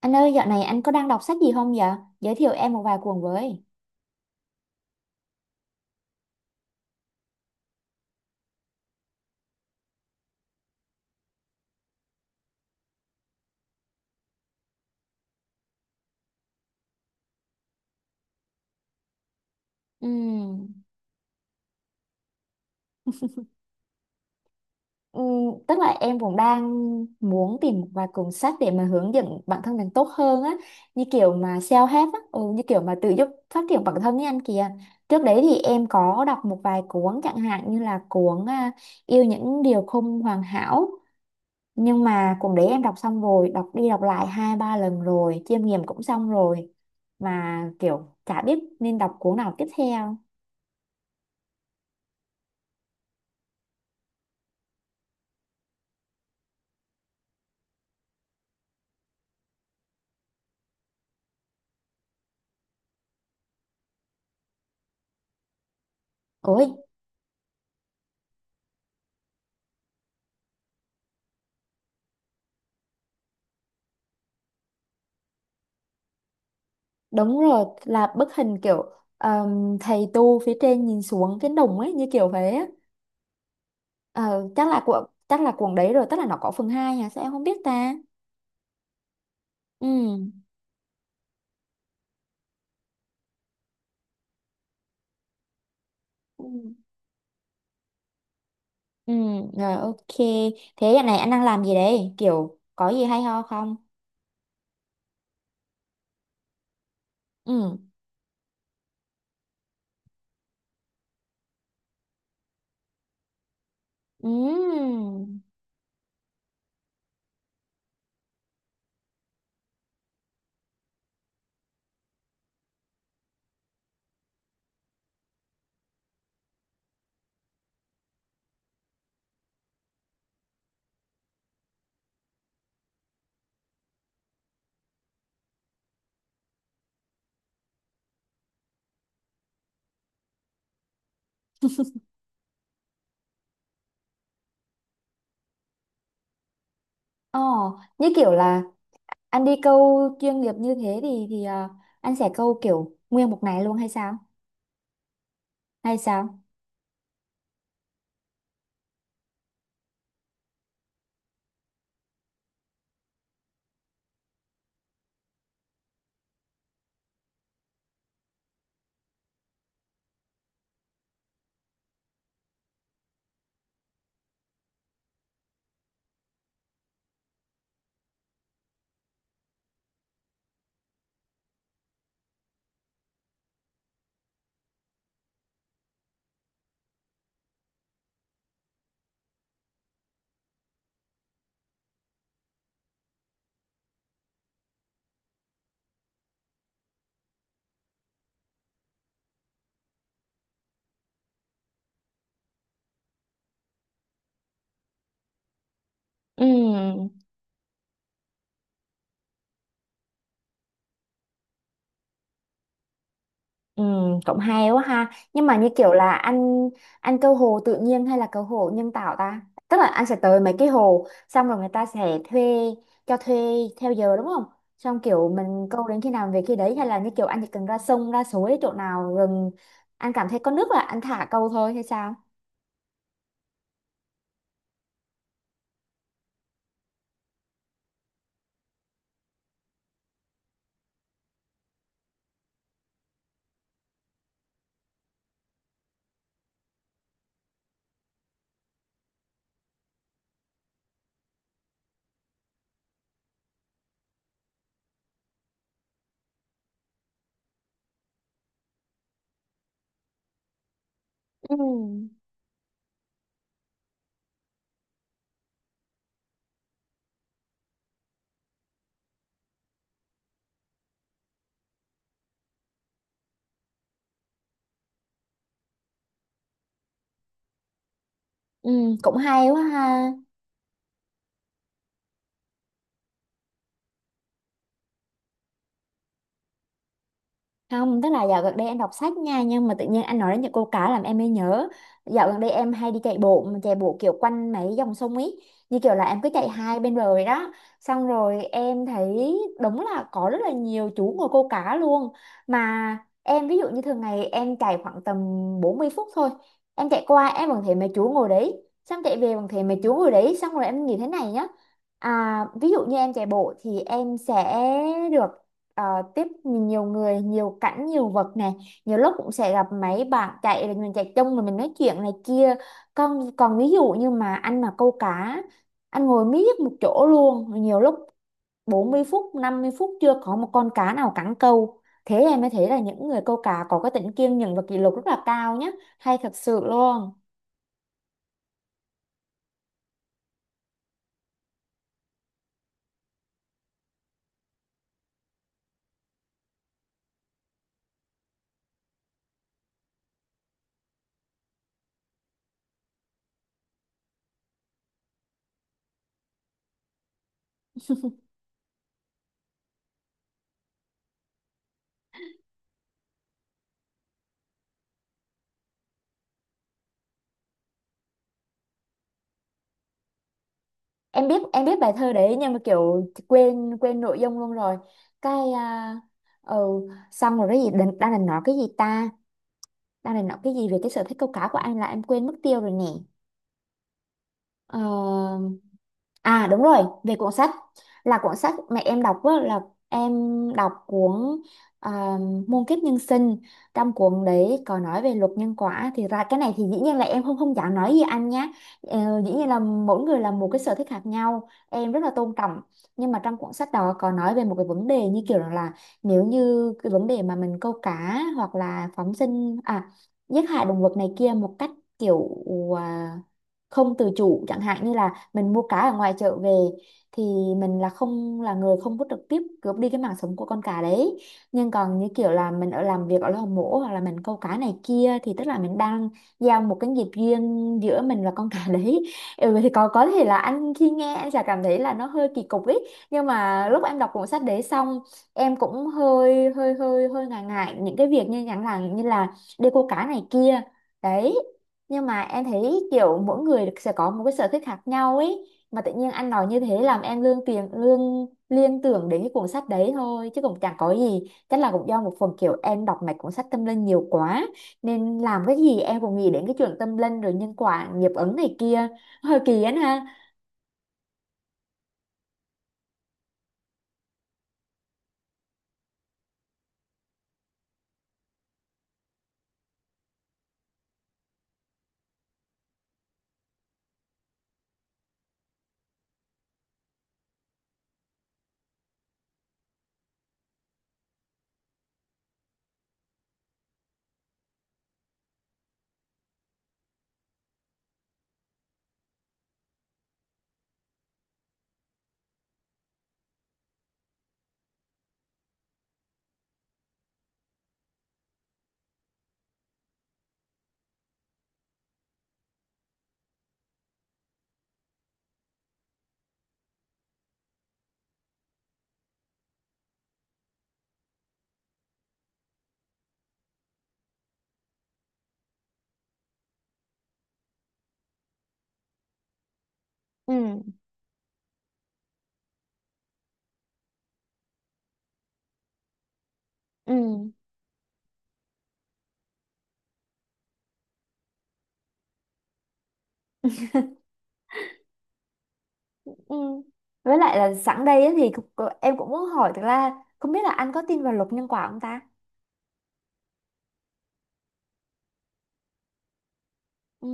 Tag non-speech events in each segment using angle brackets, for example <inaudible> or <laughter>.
Anh ơi, dạo này anh có đang đọc sách gì không vậy? Giới thiệu em một vài cuốn với. Ừm, tức là em cũng đang muốn tìm một vài cuốn sách để mà hướng dẫn bản thân mình tốt hơn á, như kiểu mà self-help á, ừ, như kiểu mà tự giúp phát triển bản thân với anh kìa. Trước đấy thì em có đọc một vài cuốn chẳng hạn như là cuốn Yêu những điều không hoàn hảo. Nhưng mà cuốn đấy em đọc xong rồi, đọc đi đọc lại hai ba lần rồi, chiêm nghiệm cũng xong rồi. Mà kiểu chả biết nên đọc cuốn nào tiếp theo. Ôi, đúng rồi, là bức hình kiểu thầy tu phía trên nhìn xuống cái đồng ấy như kiểu thế á. Ờ, chắc là của chắc là cuộn đấy rồi, tức là nó có phần 2 à, sao em không biết ta? Ừ. Ừ. Ừ, rồi ok. Thế giờ này anh đang làm gì đấy? Kiểu có gì hay ho không? Ừ. Ừ. Ồ, như kiểu là anh đi câu chuyên nghiệp như thế thì anh sẽ câu kiểu nguyên một ngày luôn hay sao? Hay sao? Ừ. Ừ, cũng hay quá ha. Nhưng mà như kiểu là anh câu hồ tự nhiên hay là câu hồ nhân tạo ta? Tức là anh sẽ tới mấy cái hồ xong rồi người ta sẽ thuê cho thuê theo giờ đúng không? Xong kiểu mình câu đến khi nào về khi đấy hay là như kiểu anh chỉ cần ra sông ra suối chỗ nào rừng anh cảm thấy có nước là anh thả câu thôi hay sao? Ừ. Ừ, cũng hay quá ha. Không, tức là dạo gần đây em đọc sách nha. Nhưng mà tự nhiên anh nói đến những câu cá làm em mới nhớ. Dạo gần đây em hay đi chạy bộ mà. Chạy bộ kiểu quanh mấy dòng sông ấy. Như kiểu là em cứ chạy hai bên bờ rồi đó. Xong rồi em thấy đúng là có rất là nhiều chú ngồi câu cá luôn. Mà em ví dụ như thường ngày em chạy khoảng tầm 40 phút thôi. Em chạy qua em vẫn thấy mấy chú ngồi đấy. Xong chạy về vẫn thấy mấy chú ngồi đấy. Xong rồi em nghĩ thế này nhá. À, ví dụ như em chạy bộ thì em sẽ được ờ, tiếp nhiều người, nhiều cảnh, nhiều vật này. Nhiều lúc cũng sẽ gặp mấy bạn chạy là mình chạy chung mà mình nói chuyện này kia. Còn còn ví dụ như mà anh mà câu cá, anh ngồi miết một chỗ luôn, nhiều lúc 40 phút, 50 phút chưa có một con cá nào cắn câu. Thế em mới thấy là những người câu cá có cái tính kiên nhẫn và kỷ luật rất là cao nhé, hay thật sự luôn. Em biết em biết bài thơ đấy nhưng mà kiểu quên quên nội dung luôn rồi. cái à, ừ, Xong rồi cái gì đang định nói cái gì ta, đang định nói cái gì về cái sở thích câu cá của anh là em quên mất tiêu rồi nè. Ờ, à đúng rồi, về cuốn sách là cuốn sách mẹ em đọc á, là em đọc cuốn à, Muôn kiếp nhân sinh, trong cuốn đấy có nói về luật nhân quả. Thì ra cái này thì dĩ nhiên là em không không dám nói gì anh nhé. Ờ, dĩ nhiên là mỗi người là một cái sở thích khác nhau, em rất là tôn trọng. Nhưng mà trong cuốn sách đó có nói về một cái vấn đề như kiểu là nếu như cái vấn đề mà mình câu cá hoặc là phóng sinh à, giết hại động vật này kia một cách kiểu à, không tự chủ, chẳng hạn như là mình mua cá ở ngoài chợ về thì mình là không là người không có trực tiếp cướp đi cái mạng sống của con cá đấy. Nhưng còn như kiểu là mình ở làm việc ở lò mổ hoặc là mình câu cá này kia thì tức là mình đang giao một cái nghiệp riêng giữa mình và con <laughs> cá đấy. Ừ, vậy thì có thể là anh khi nghe anh sẽ cảm thấy là nó hơi kỳ cục ấy, nhưng mà lúc em đọc cuốn sách đấy xong em cũng hơi hơi hơi hơi ngại ngại những cái việc như chẳng là như là đi câu cá này kia đấy. Nhưng mà em thấy kiểu mỗi người sẽ có một cái sở thích khác nhau ấy, mà tự nhiên anh nói như thế làm em lương tiền lương liên tưởng đến cái cuốn sách đấy thôi, chứ cũng chẳng có gì, chắc là cũng do một phần kiểu em đọc mấy cuốn sách tâm linh nhiều quá nên làm cái gì em cũng nghĩ đến cái chuyện tâm linh rồi nhân quả nghiệp ứng này kia <laughs> hơi kỳ ấy ha. Ừ. Ừ. Ừ. Với lại là sẵn đây á thì em cũng muốn hỏi, thực ra không biết là anh có tin vào luật nhân quả không ta. Ừ.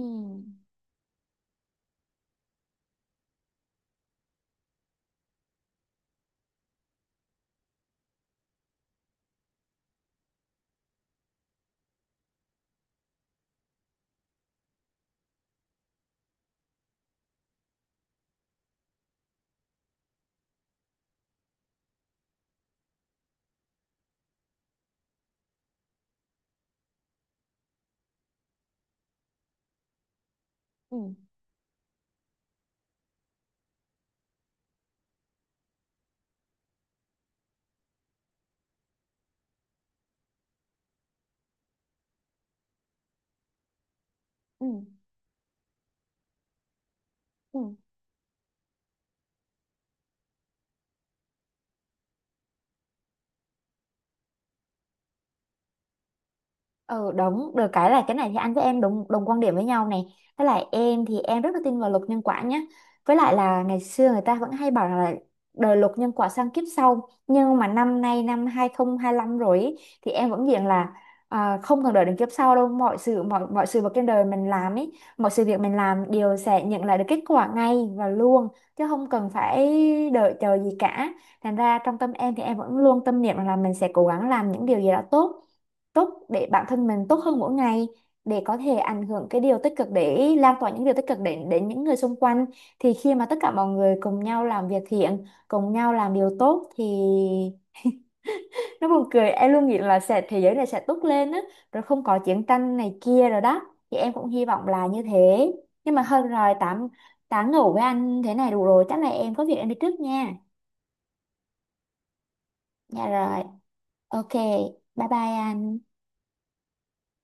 Ừ. Ừ. Ừ. Ừ đúng, được cái là cái này thì anh với em đồng đồng quan điểm với nhau này. Với lại em thì em rất là tin vào luật nhân quả nhé. Với lại là ngày xưa người ta vẫn hay bảo là đời luật nhân quả sang kiếp sau. Nhưng mà năm nay năm 2025 rồi ý, thì em vẫn diện là không cần đợi đến kiếp sau đâu. Mọi sự vật trên đời mình làm ấy, mọi sự việc mình làm đều sẽ nhận lại được kết quả ngay và luôn, chứ không cần phải đợi chờ gì cả. Thành ra trong tâm em thì em vẫn luôn tâm niệm là mình sẽ cố gắng làm những điều gì đó tốt tốt để bản thân mình tốt hơn mỗi ngày, để có thể ảnh hưởng cái điều tích cực, để lan tỏa những điều tích cực đến đến những người xung quanh. Thì khi mà tất cả mọi người cùng nhau làm việc thiện, cùng nhau làm điều tốt thì nó buồn cười, em luôn nghĩ là sẽ thế giới này sẽ tốt lên á, rồi không có chiến tranh này kia rồi đó, thì em cũng hy vọng là như thế. Nhưng mà hơn rồi, tám tám ngủ với anh thế này đủ rồi, chắc là em có việc em đi trước nha. Dạ rồi. Ok. Bye bye anh.